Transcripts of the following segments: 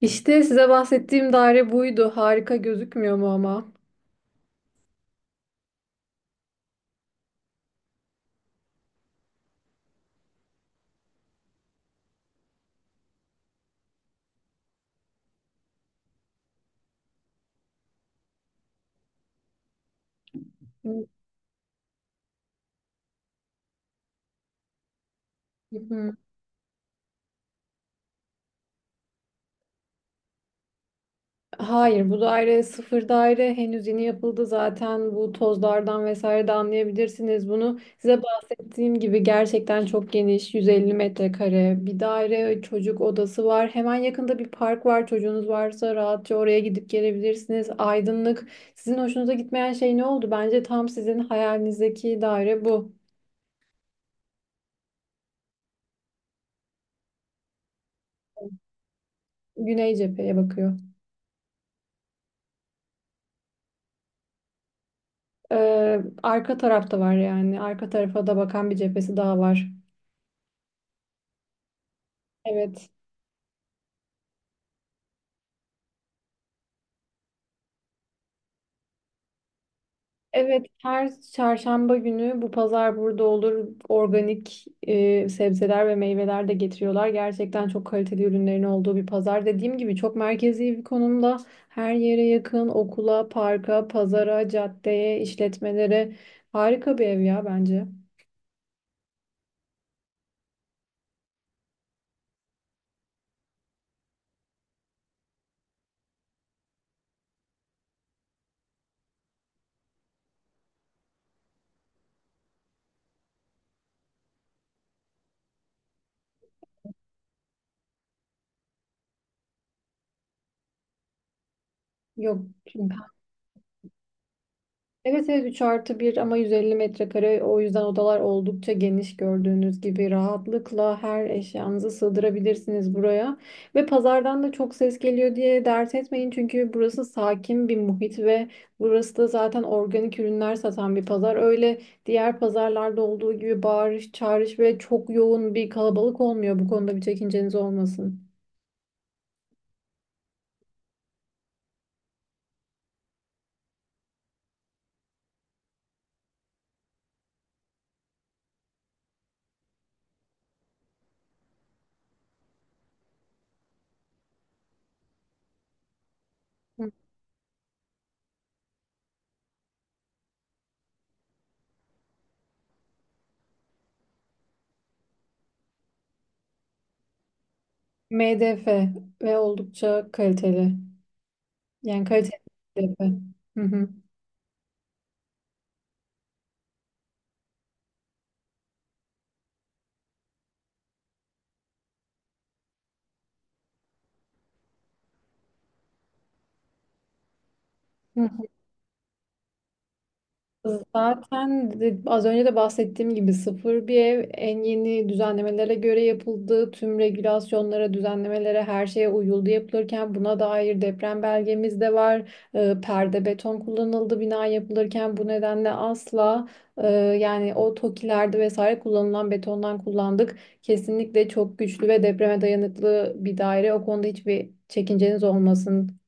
İşte size bahsettiğim daire buydu. Harika gözükmüyor mu ama? Hı hı. Hayır, bu daire sıfır daire. Henüz yeni yapıldı zaten. Bu tozlardan vesaire de anlayabilirsiniz bunu. Size bahsettiğim gibi gerçekten çok geniş, 150 metrekare bir daire, çocuk odası var. Hemen yakında bir park var. Çocuğunuz varsa rahatça oraya gidip gelebilirsiniz. Aydınlık. Sizin hoşunuza gitmeyen şey ne oldu? Bence tam sizin hayalinizdeki daire bu. Güney cepheye bakıyor. Arka tarafta var yani. Arka tarafa da bakan bir cephesi daha var. Evet. Evet, her çarşamba günü bu pazar burada olur. Organik sebzeler ve meyveler de getiriyorlar. Gerçekten çok kaliteli ürünlerin olduğu bir pazar. Dediğim gibi çok merkezi bir konumda. Her yere yakın, okula, parka, pazara, caddeye, işletmelere. Harika bir ev ya bence. Yok. Evet, evet, 3 artı 1 ama 150 metrekare, o yüzden odalar oldukça geniş. Gördüğünüz gibi rahatlıkla her eşyanızı sığdırabilirsiniz buraya. Ve pazardan da çok ses geliyor diye dert etmeyin çünkü burası sakin bir muhit ve burası da zaten organik ürünler satan bir pazar. Diğer pazarlarda olduğu gibi bağırış, çağırış ve çok yoğun bir kalabalık olmuyor. Bu konuda bir çekinceniz olmasın. MDF ve oldukça kaliteli. Yani kaliteli MDF. Hı hı. Hı. Zaten az önce de bahsettiğim gibi sıfır bir ev en yeni düzenlemelere göre yapıldı. Tüm regülasyonlara, düzenlemelere, her şeye uyuldu yapılırken. Buna dair deprem belgemiz de var. Perde beton kullanıldı bina yapılırken, bu nedenle asla yani o tokilerde vesaire kullanılan betondan kullandık. Kesinlikle çok güçlü ve depreme dayanıklı bir daire. O konuda hiçbir çekinceniz olmasın.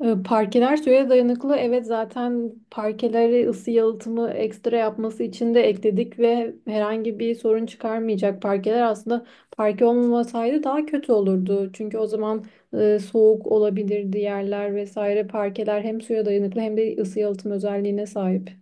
Parkeler suya dayanıklı. Evet, zaten parkeleri ısı yalıtımı ekstra yapması için de ekledik ve herhangi bir sorun çıkarmayacak. Parkeler aslında, parke olmamasaydı daha kötü olurdu. Çünkü o zaman soğuk olabilirdi yerler vesaire. Parkeler hem suya dayanıklı hem de ısı yalıtım özelliğine sahip.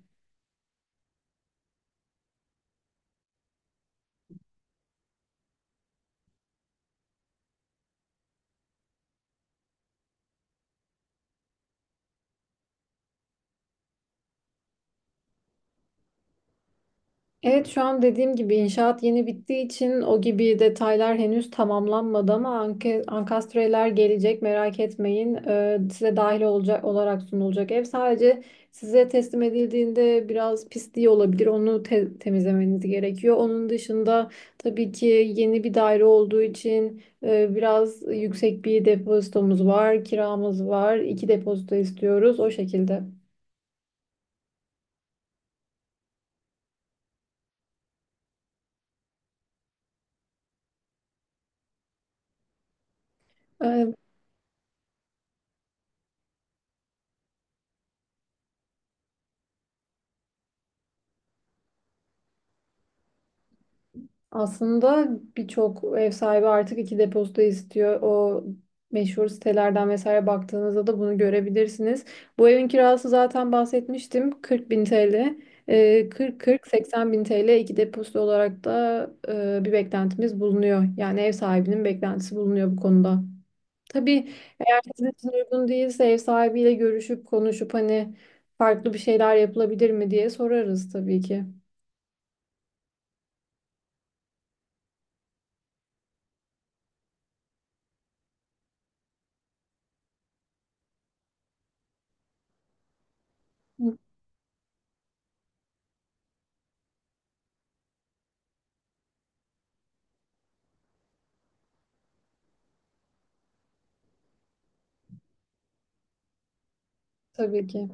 Evet, şu an dediğim gibi inşaat yeni bittiği için o gibi detaylar henüz tamamlanmadı ama ankastreler gelecek, merak etmeyin. Size dahil olacak olarak sunulacak ev. Sadece size teslim edildiğinde biraz pisliği olabilir. Onu temizlemeniz gerekiyor. Onun dışında tabii ki yeni bir daire olduğu için biraz yüksek bir depozitomuz var, kiramız var. İki depozito istiyoruz o şekilde. Ee, Aslında birçok ev sahibi artık iki depozito istiyor. O meşhur sitelerden vesaire baktığınızda da bunu görebilirsiniz. Bu evin kirası, zaten bahsetmiştim, 40 bin TL. 40-40-80 bin TL iki depozito olarak da bir beklentimiz bulunuyor. Yani ev sahibinin beklentisi bulunuyor bu konuda. Tabii sizin için uygun değilse ev sahibiyle görüşüp konuşup hani farklı bir şeyler yapılabilir mi diye sorarız tabii ki. Hı. Tabii ki.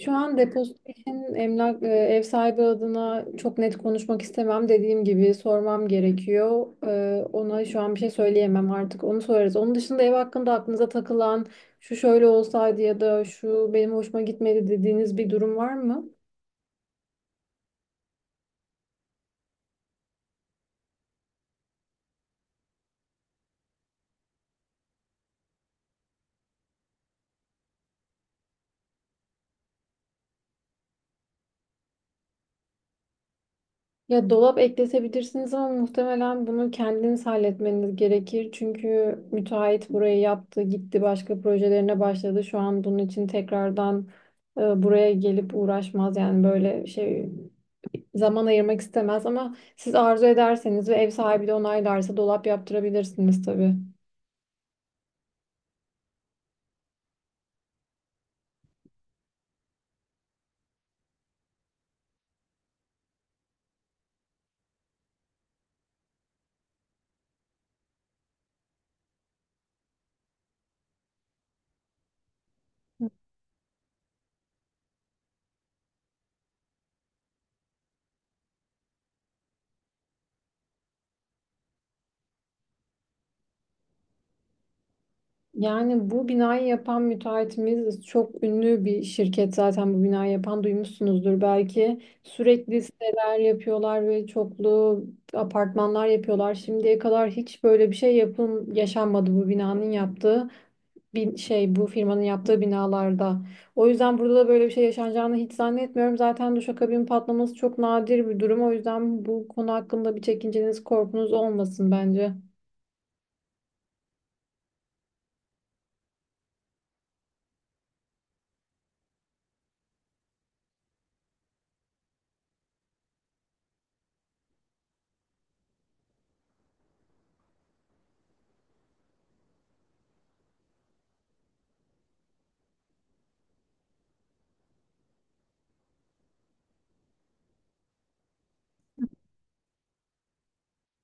Şu an depozito için ev sahibi adına çok net konuşmak istemem. Dediğim gibi sormam gerekiyor. Ona şu an bir şey söyleyemem artık. Onu sorarız. Onun dışında ev hakkında aklınıza takılan, şu şöyle olsaydı ya da şu benim hoşuma gitmedi dediğiniz bir durum var mı? Ya, dolap ekletebilirsiniz ama muhtemelen bunu kendiniz halletmeniz gerekir. Çünkü müteahhit burayı yaptı, gitti, başka projelerine başladı. Şu an bunun için tekrardan buraya gelip uğraşmaz yani. Böyle şey zaman ayırmak istemez ama siz arzu ederseniz ve ev sahibi de onaylarsa dolap yaptırabilirsiniz tabii. Yani bu binayı yapan müteahhitimiz çok ünlü bir şirket, zaten bu binayı yapan, duymuşsunuzdur belki. Sürekli siteler yapıyorlar ve çoklu apartmanlar yapıyorlar. Şimdiye kadar hiç böyle bir şey yapım yaşanmadı bu binanın yaptığı. Bin, şey Bu firmanın yaptığı binalarda. O yüzden burada da böyle bir şey yaşanacağını hiç zannetmiyorum. Zaten duşakabin patlaması çok nadir bir durum. O yüzden bu konu hakkında bir çekinceniz, korkunuz olmasın bence.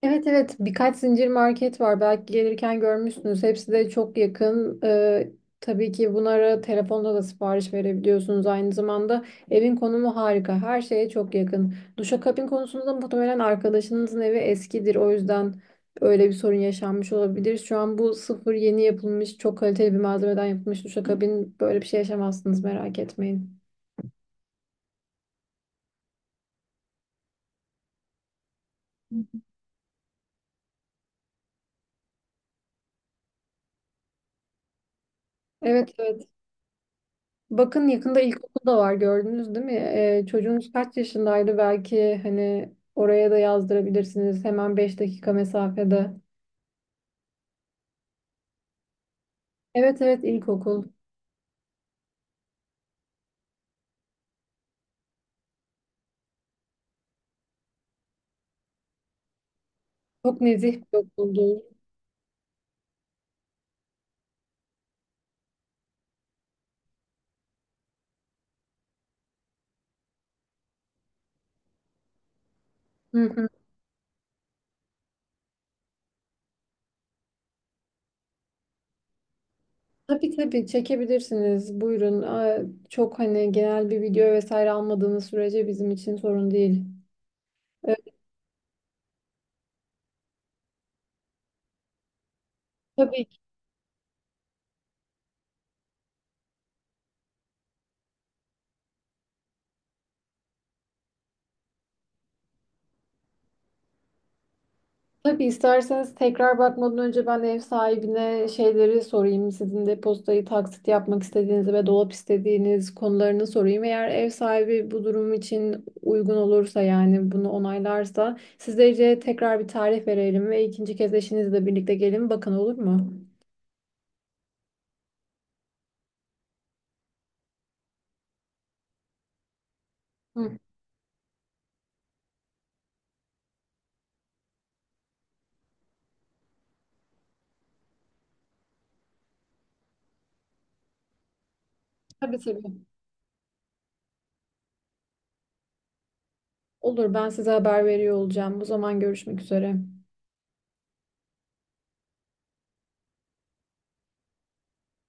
Evet, evet, birkaç zincir market var, belki gelirken görmüşsünüz. Hepsi de çok yakın. Tabii ki bunlara telefonda da sipariş verebiliyorsunuz aynı zamanda. Evin konumu harika, her şeye çok yakın. Duşakabin konusunda muhtemelen arkadaşınızın evi eskidir, o yüzden öyle bir sorun yaşanmış olabilir. Şu an bu sıfır, yeni yapılmış, çok kaliteli bir malzemeden yapılmış duşakabin, böyle bir şey yaşamazsınız, merak etmeyin. Evet, evet. Bakın, yakında ilkokul da var, gördünüz değil mi? Çocuğunuz kaç yaşındaydı? Belki hani oraya da yazdırabilirsiniz, hemen 5 dakika mesafede. Evet, evet, ilkokul. Çok nezih bir okuldur. Hı hı. Tabii tabii, çekebilirsiniz. Buyurun. Aa. Çok hani genel bir video vesaire almadığınız sürece bizim için sorun değil. Ee, tabii Tabii, isterseniz tekrar bakmadan önce ben ev sahibine şeyleri sorayım. Sizin depozitayı taksit yapmak istediğiniz ve dolap istediğiniz konularını sorayım. Eğer ev sahibi bu durum için uygun olursa, yani bunu onaylarsa, sizlere tekrar bir tarih verelim ve ikinci kez eşinizle birlikte gelin. Bakın, olur mu? Hı, tabii tabii. Olur, ben size haber veriyor olacağım. O zaman görüşmek üzere.